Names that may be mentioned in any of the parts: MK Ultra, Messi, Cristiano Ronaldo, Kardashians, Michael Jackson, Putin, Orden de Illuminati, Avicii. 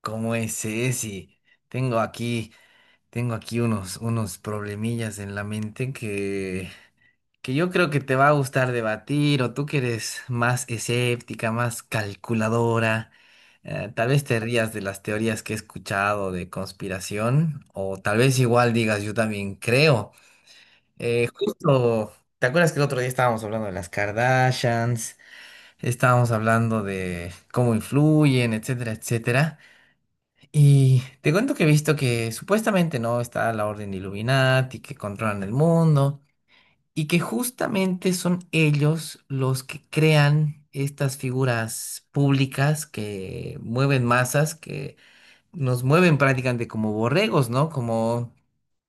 ¿Cómo es, Ceci? Tengo aquí, tengo aquí unos problemillas en la mente que yo creo que te va a gustar debatir, o tú que eres más escéptica, más calculadora. Tal vez te rías de las teorías que he escuchado de conspiración, o tal vez igual digas, yo también creo. Eh, justo, ¿Te acuerdas que el otro día estábamos hablando de las Kardashians? Estábamos hablando de cómo influyen, etcétera, etcétera. Y te cuento que he visto que supuestamente no está la Orden de Illuminati, que controlan el mundo, y que justamente son ellos los que crean estas figuras públicas que mueven masas, que nos mueven prácticamente como borregos, ¿no? Como,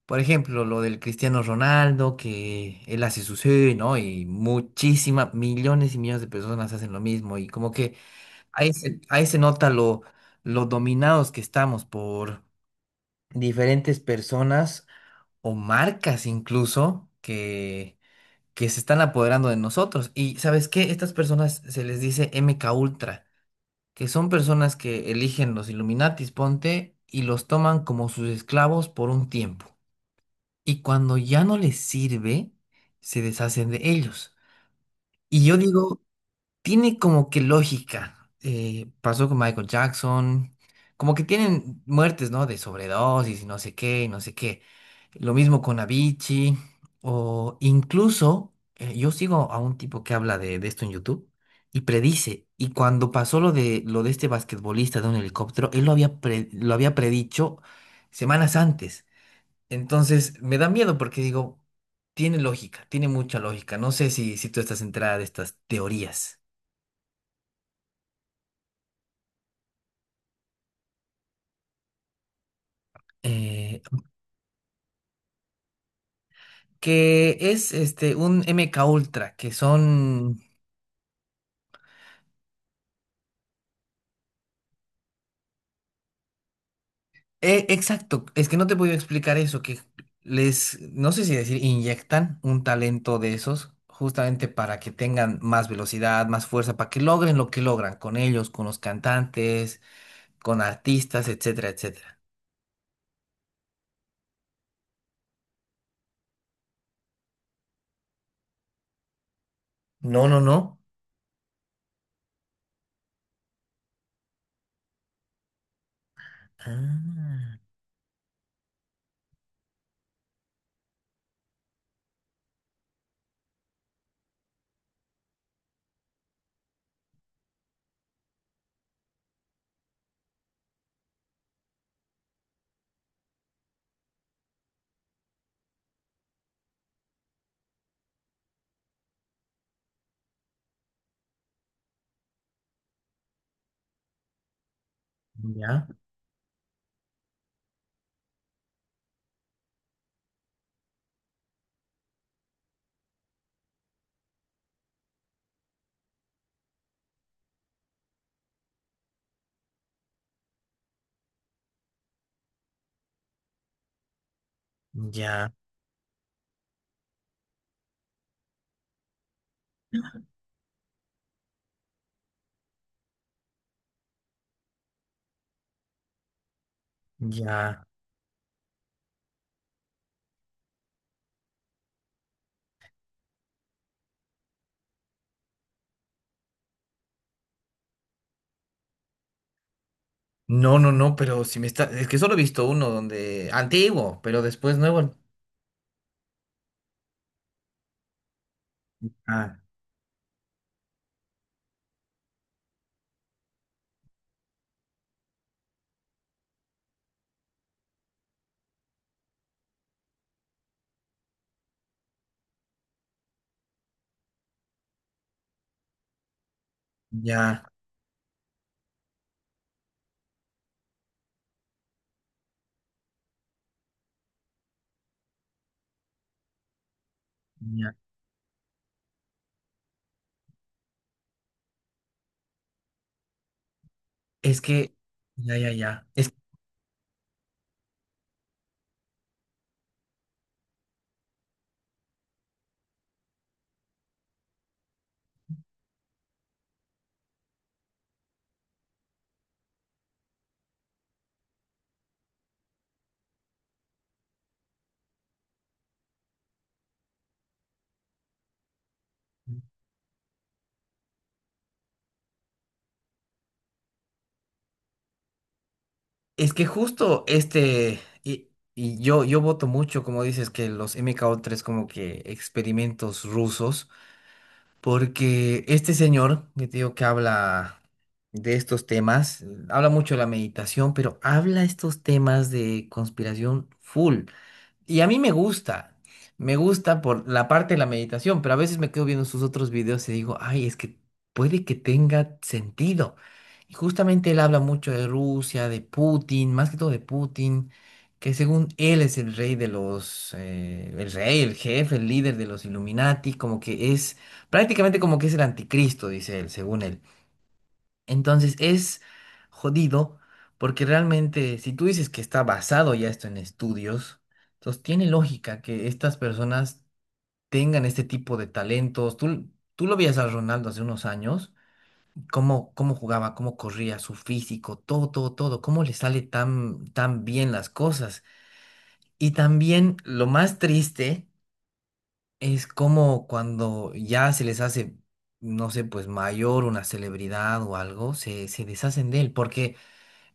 por ejemplo, lo del Cristiano Ronaldo, que él hace su sí, ¿no? Y muchísimas, millones y millones de personas hacen lo mismo, y como que ahí se nota lo dominados que estamos por diferentes personas o marcas incluso que se están apoderando de nosotros. Y ¿sabes qué? Estas personas se les dice MK Ultra, que son personas que eligen los Illuminatis, ponte, y los toman como sus esclavos por un tiempo. Y cuando ya no les sirve, se deshacen de ellos. Y yo digo, tiene como que lógica. Pasó con Michael Jackson. Como que tienen muertes, ¿no? De sobredosis y no sé qué, y no sé qué. Lo mismo con Avicii. O incluso, yo sigo a un tipo que habla de esto en YouTube y predice. Y cuando pasó lo lo de este basquetbolista de un helicóptero, él lo lo había predicho semanas antes. Entonces me da miedo porque digo, tiene lógica, tiene mucha lógica. No sé si tú estás enterada de estas teorías. eh, que es este un MK Ultra, que son exacto, es que no te puedo explicar eso, que no sé si decir, inyectan un talento de esos justamente para que tengan más velocidad, más fuerza, para que logren lo que logran con ellos, con los cantantes, con artistas, etcétera, etcétera. No, no, no. Ah, ya, ya, ya. No, no, no, pero si me está, es que solo he visto uno donde antiguo, pero después nuevo. Ah. Ya, ya. Es que, ya, ya, ya. Es que justo yo voto mucho, como dices, que los mko tres como que experimentos rusos, porque este señor, que te digo que habla de estos temas, habla mucho de la meditación, pero habla estos temas de conspiración full. Y a mí me gusta por la parte de la meditación, pero a veces me quedo viendo sus otros videos y digo, ay, es que puede que tenga sentido. Y justamente él habla mucho de Rusia, de Putin, más que todo de Putin, que según él es el rey de los, el rey, el jefe, el líder de los Illuminati, como que es prácticamente como que es el anticristo, dice él, según él. Entonces es jodido porque realmente si tú dices que está basado ya esto en estudios, entonces tiene lógica que estas personas tengan este tipo de talentos. Tú lo veías a Ronaldo hace unos años, cómo jugaba, cómo corría, su físico, todo, todo, todo, cómo le sale tan, tan bien las cosas. Y también lo más triste es como cuando ya se les hace, no sé, pues mayor una celebridad o algo, se deshacen de él porque...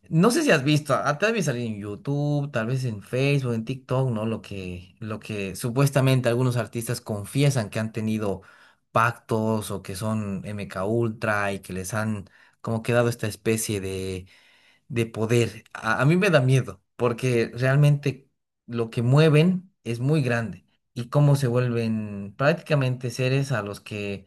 No sé si has visto, ah, tal vez salir en YouTube, tal vez en Facebook, en TikTok, ¿no? Lo que supuestamente algunos artistas confiesan que han tenido pactos o que son MK Ultra y que les han como quedado esta especie de poder. A mí me da miedo, porque realmente lo que mueven es muy grande y cómo se vuelven prácticamente seres a los que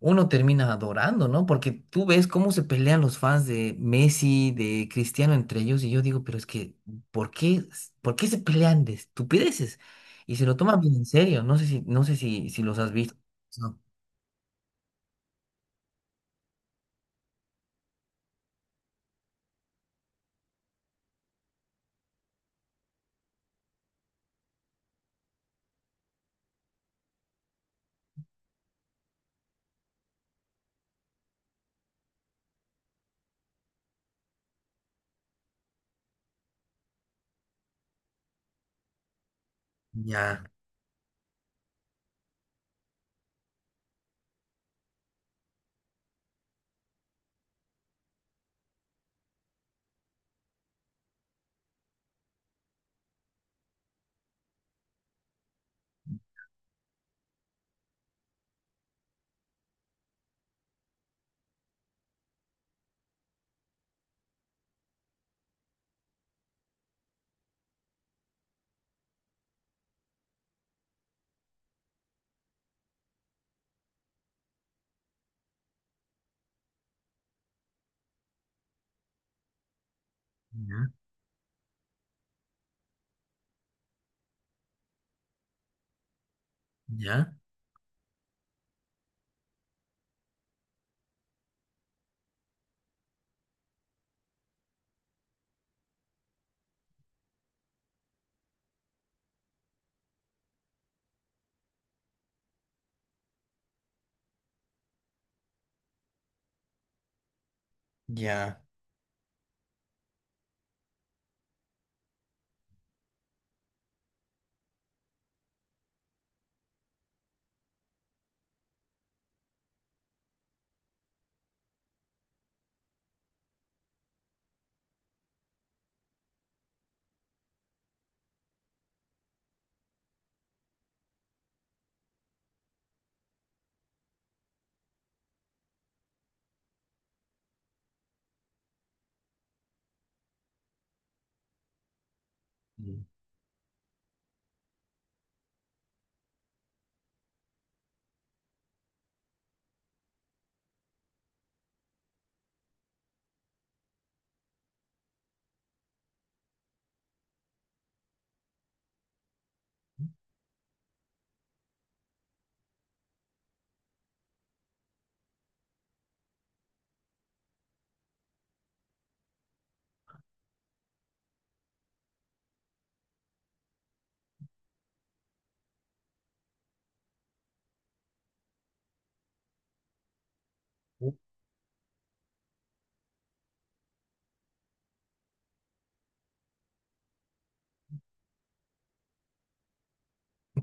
uno termina adorando, ¿no? Porque tú ves cómo se pelean los fans de Messi, de Cristiano entre ellos y yo digo, pero es que, ¿por qué, ¿por qué se pelean de estupideces? Y se lo toman bien en serio, no sé si los has visto. No. Ya, ya, ya, ya.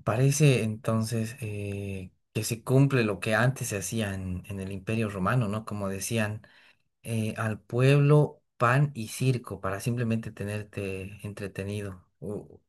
Parece entonces que se cumple lo que antes se hacía en el Imperio Romano, ¿no? Como decían, al pueblo pan y circo para simplemente tenerte entretenido.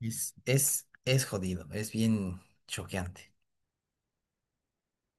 Es, es jodido, es bien choqueante.